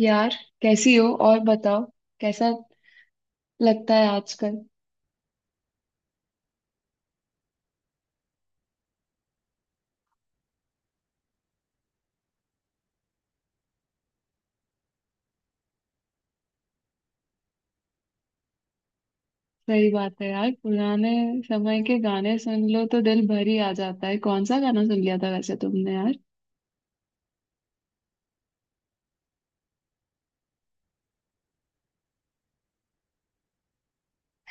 यार। कैसी हो और बताओ? कैसा लगता है आजकल? सही बात है यार। पुराने समय के गाने सुन लो तो दिल भर ही आ जाता है। कौन सा गाना सुन लिया था वैसे तुमने यार?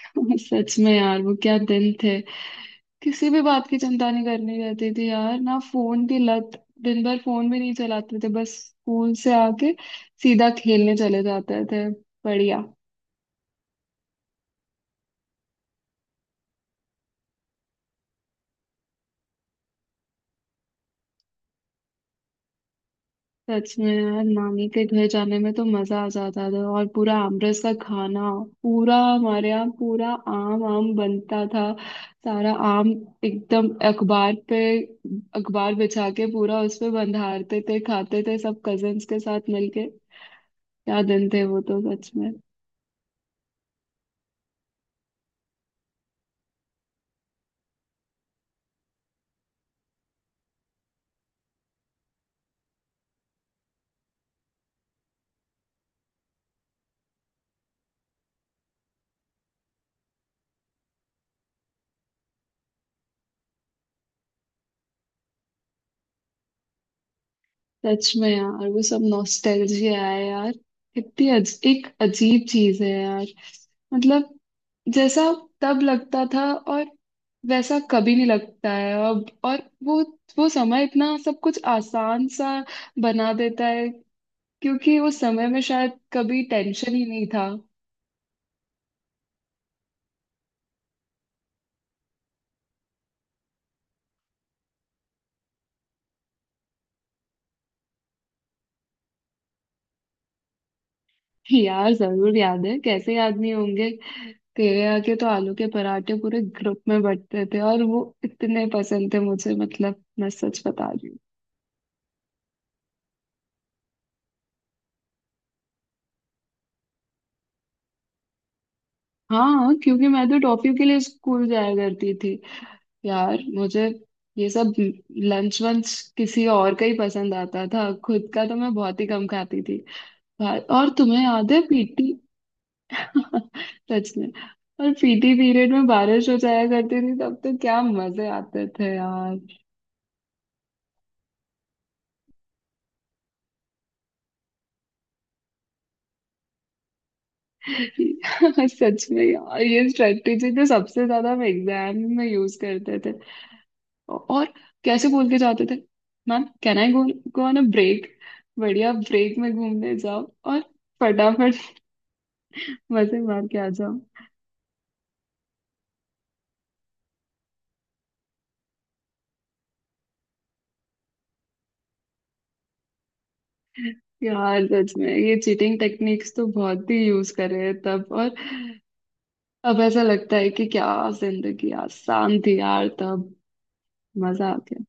सच में यार, वो क्या दिन थे। किसी भी बात की चिंता नहीं करनी रहती थी यार, ना फोन की लत। दिन भर फोन भी नहीं चलाते थे, बस स्कूल से आके सीधा खेलने चले जाते थे। बढ़िया। सच में यार, नानी के घर जाने में तो मजा आ जाता था। और पूरा आमरस का खाना, पूरा हमारे यहाँ पूरा आम आम बनता था। सारा आम एकदम अखबार पे अखबार बिछा के पूरा उस पे बंधारते थे, खाते थे सब कजन्स के साथ मिलके। क्या दिन थे वो, तो सच में। सच में यार वो सब नॉस्टैल्जिया है यार। कितनी एक अजीब चीज है यार। मतलब जैसा तब लगता था और वैसा कभी नहीं लगता है अब। और वो समय इतना सब कुछ आसान सा बना देता है, क्योंकि उस समय में शायद कभी टेंशन ही नहीं था। यार जरूर याद है, कैसे याद नहीं होंगे। तेरे यहाँ के तो आलू के पराठे पूरे ग्रुप में बंटते थे, और वो इतने पसंद थे मुझे, मतलब मैं सच बता रही हूँ। हाँ, क्योंकि मैं तो टॉफी के लिए स्कूल जाया करती थी। यार मुझे ये सब लंच वंच किसी और का ही पसंद आता था, खुद का तो मैं बहुत ही कम खाती थी। और तुम्हें याद है पीटी? सच में। और पीटी पीरियड में बारिश हो जाया करती थी, तब तो क्या मजे आते थे यार। सच में यार ये स्ट्रेटेजी तो सबसे ज्यादा हम एग्जाम में यूज करते थे। और कैसे बोल के जाते थे: ma'am can I go, go on a break. बढ़िया, ब्रेक में घूमने जाओ और फटाफट मजे मार के आ जाओ। यार सच में ये चीटिंग टेक्निक्स तो बहुत ही यूज कर रहे हैं तब। और अब ऐसा लगता है कि क्या जिंदगी आसान थी यार तब। मजा आ गया।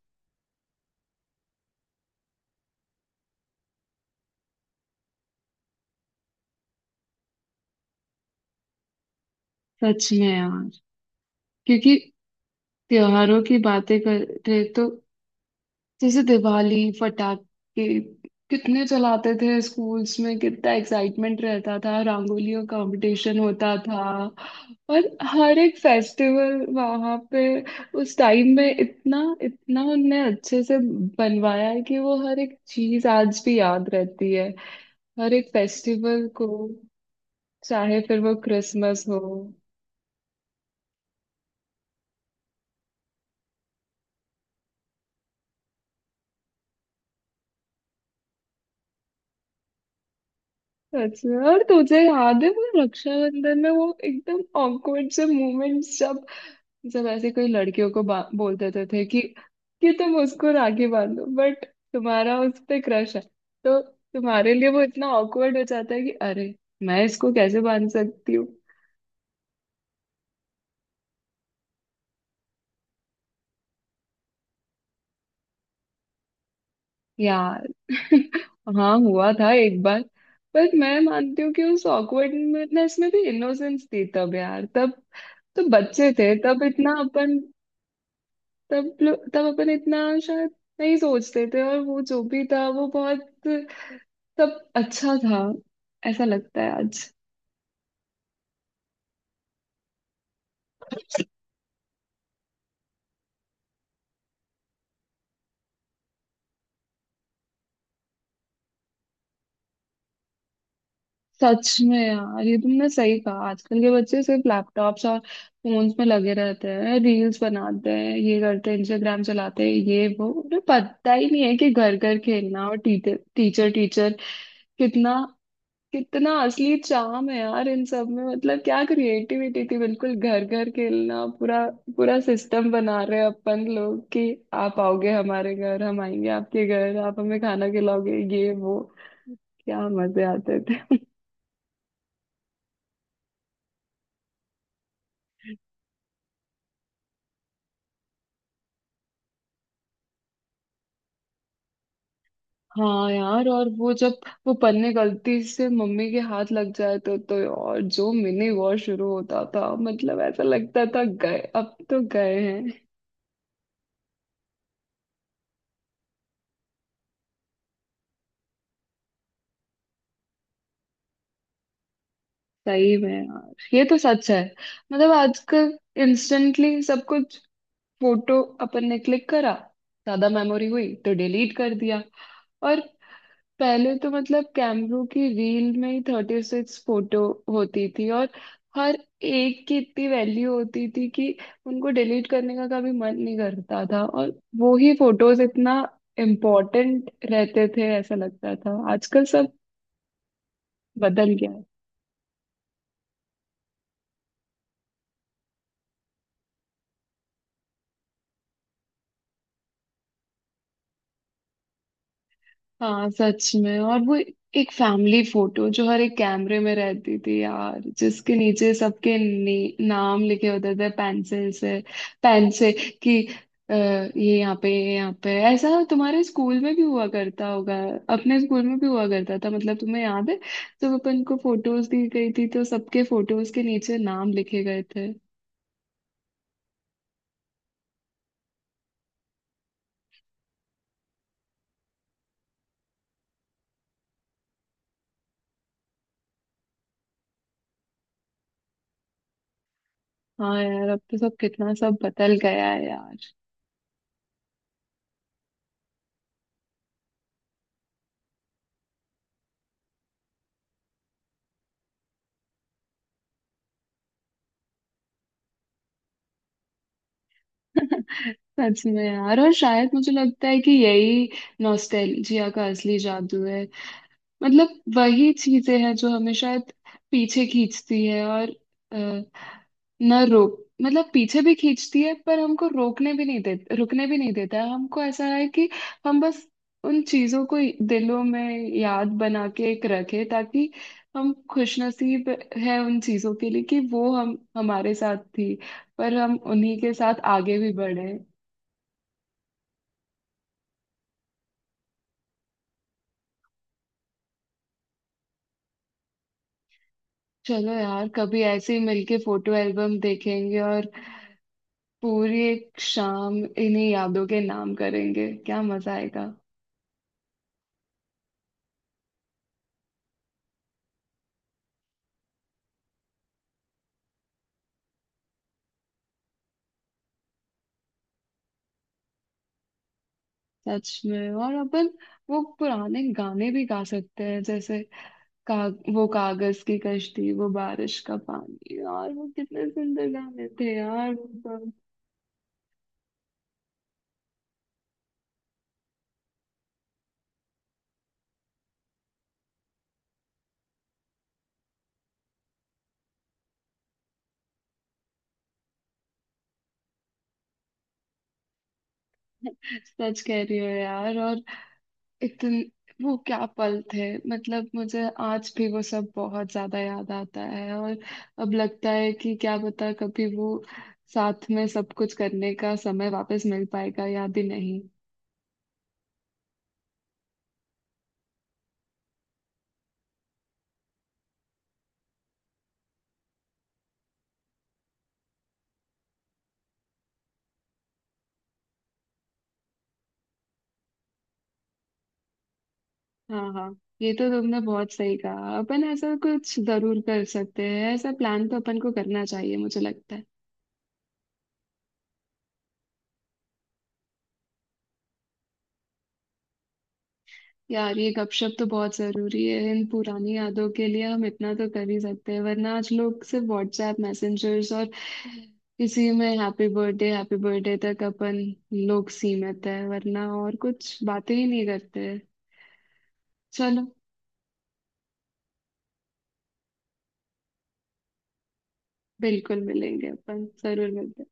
सच में यार। क्योंकि त्योहारों की बातें कर रहे तो, जैसे दिवाली फटाके कितने चलाते थे स्कूल्स में, कितना एक्साइटमेंट रहता था, रंगोलियों कंपटीशन होता था। और हर एक फेस्टिवल वहाँ पे उस टाइम में इतना इतना उनने अच्छे से बनवाया है कि वो हर एक चीज आज भी याद रहती है, हर एक फेस्टिवल को, चाहे फिर वो क्रिसमस हो। अच्छा, और तुझे याद है वो रक्षाबंधन में वो एकदम ऑकवर्ड से मोमेंट्स, जब सब ऐसे कोई लड़कियों को बोल देते थे कि तुम उसको राखी बांध लो, बट तुम्हारा उस पे क्रश है। तो तुम्हारे लिए वो इतना ऑकवर्ड हो जाता है कि अरे, मैं इसको कैसे बांध सकती हूँ। यार हाँ, हुआ था एक बार। बट मैं मानती हूँ कि उस ऑकवर्डनेस में भी इनोसेंस थी। तब यार, तब तो बच्चे थे, तब इतना अपन तब तब अपन इतना शायद नहीं सोचते थे, और वो जो भी था, वो बहुत सब अच्छा था, ऐसा लगता है आज। सच में यार ये तुमने सही कहा। आजकल के बच्चे सिर्फ लैपटॉप्स और फोन्स में लगे रहते हैं, रील्स बनाते हैं, ये करते हैं, इंस्टाग्राम चलाते हैं ये वो। उन्हें पता ही नहीं है कि घर घर खेलना और टीचर टीचर टीचर कितना कितना असली चाम है यार इन सब में। मतलब क्या क्रिएटिविटी थी, बिल्कुल। घर घर खेलना, पूरा पूरा सिस्टम बना रहे हैं अपन लोग कि आप आओगे हमारे घर, हम आएंगे आपके घर, आप हमें खाना खिलाओगे ये वो। क्या मजे आते थे। हाँ यार। और वो जब वो पन्ने गलती से मम्मी के हाथ लग जाते तो और जो मिनी वॉर शुरू होता था, मतलब ऐसा लगता था गए अब तो गए। सही में यार, ये तो सच है। मतलब आजकल इंस्टेंटली सब कुछ, फोटो अपन ने क्लिक करा, ज्यादा मेमोरी हुई तो डिलीट कर दिया। और पहले तो मतलब कैमरों की रील में ही 36 फोटो होती थी, और हर एक की इतनी वैल्यू होती थी कि उनको डिलीट करने का कभी मन नहीं करता था। और वो ही फोटोज इतना इम्पोर्टेंट रहते थे, ऐसा लगता था आजकल सब बदल गया। हाँ सच में। और वो एक फैमिली फोटो जो हर एक कैमरे में रहती थी यार, जिसके नीचे सबके नाम लिखे होते थे, पेंसिल से, पेन से कि ये यहाँ पे ये यहाँ पे। ऐसा तुम्हारे स्कूल में भी हुआ करता होगा, अपने स्कूल में भी हुआ करता था। मतलब तुम्हें याद है जब अपन को फोटोज दी गई थी तो सबके फोटोज के नीचे नाम लिखे गए थे। हाँ यार, अब तो सब कितना सब बदल गया है यार। सच में यार, और शायद मुझे लगता है कि यही नॉस्टैल्जिया का असली जादू है। मतलब वही चीजें हैं जो हमें शायद पीछे खींचती है, और अ, न रोक मतलब पीछे भी खींचती है पर हमको रोकने भी नहीं देता, रुकने भी नहीं देता है हमको। ऐसा है कि हम बस उन चीजों को दिलों में याद बना के एक रखें ताकि हम खुशनसीब है उन चीजों के लिए कि वो हम हमारे साथ थी, पर हम उन्हीं के साथ आगे भी बढ़े। चलो यार, कभी ऐसे ही मिलके फोटो एल्बम देखेंगे और पूरी एक शाम इन्हीं यादों के नाम करेंगे, क्या मजा आएगा। सच में, और अपन वो पुराने गाने भी गा सकते हैं जैसे का, वो कागज की कश्ती, वो बारिश का पानी। और वो कितने सुंदर गाने थे यार वो। तो सच कह रही हो यार, और इतन वो क्या पल थे, मतलब मुझे आज भी वो सब बहुत ज्यादा याद आता है। और अब लगता है कि क्या पता कभी वो साथ में सब कुछ करने का समय वापस मिल पाएगा, याद ही नहीं। हाँ हाँ, ये तो तुमने बहुत सही कहा। अपन ऐसा कुछ जरूर कर सकते हैं, ऐसा प्लान तो अपन को करना चाहिए मुझे लगता है। यार ये गपशप तो बहुत जरूरी है, इन पुरानी यादों के लिए हम इतना तो कर ही सकते हैं। वरना आज लोग सिर्फ व्हाट्सएप मैसेंजर्स और इसी में हैप्पी बर्थडे तक अपन लोग सीमित है, वरना और कुछ बातें ही नहीं करते। चलो। बिल्कुल मिलेंगे अपन, जरूर मिलते हैं।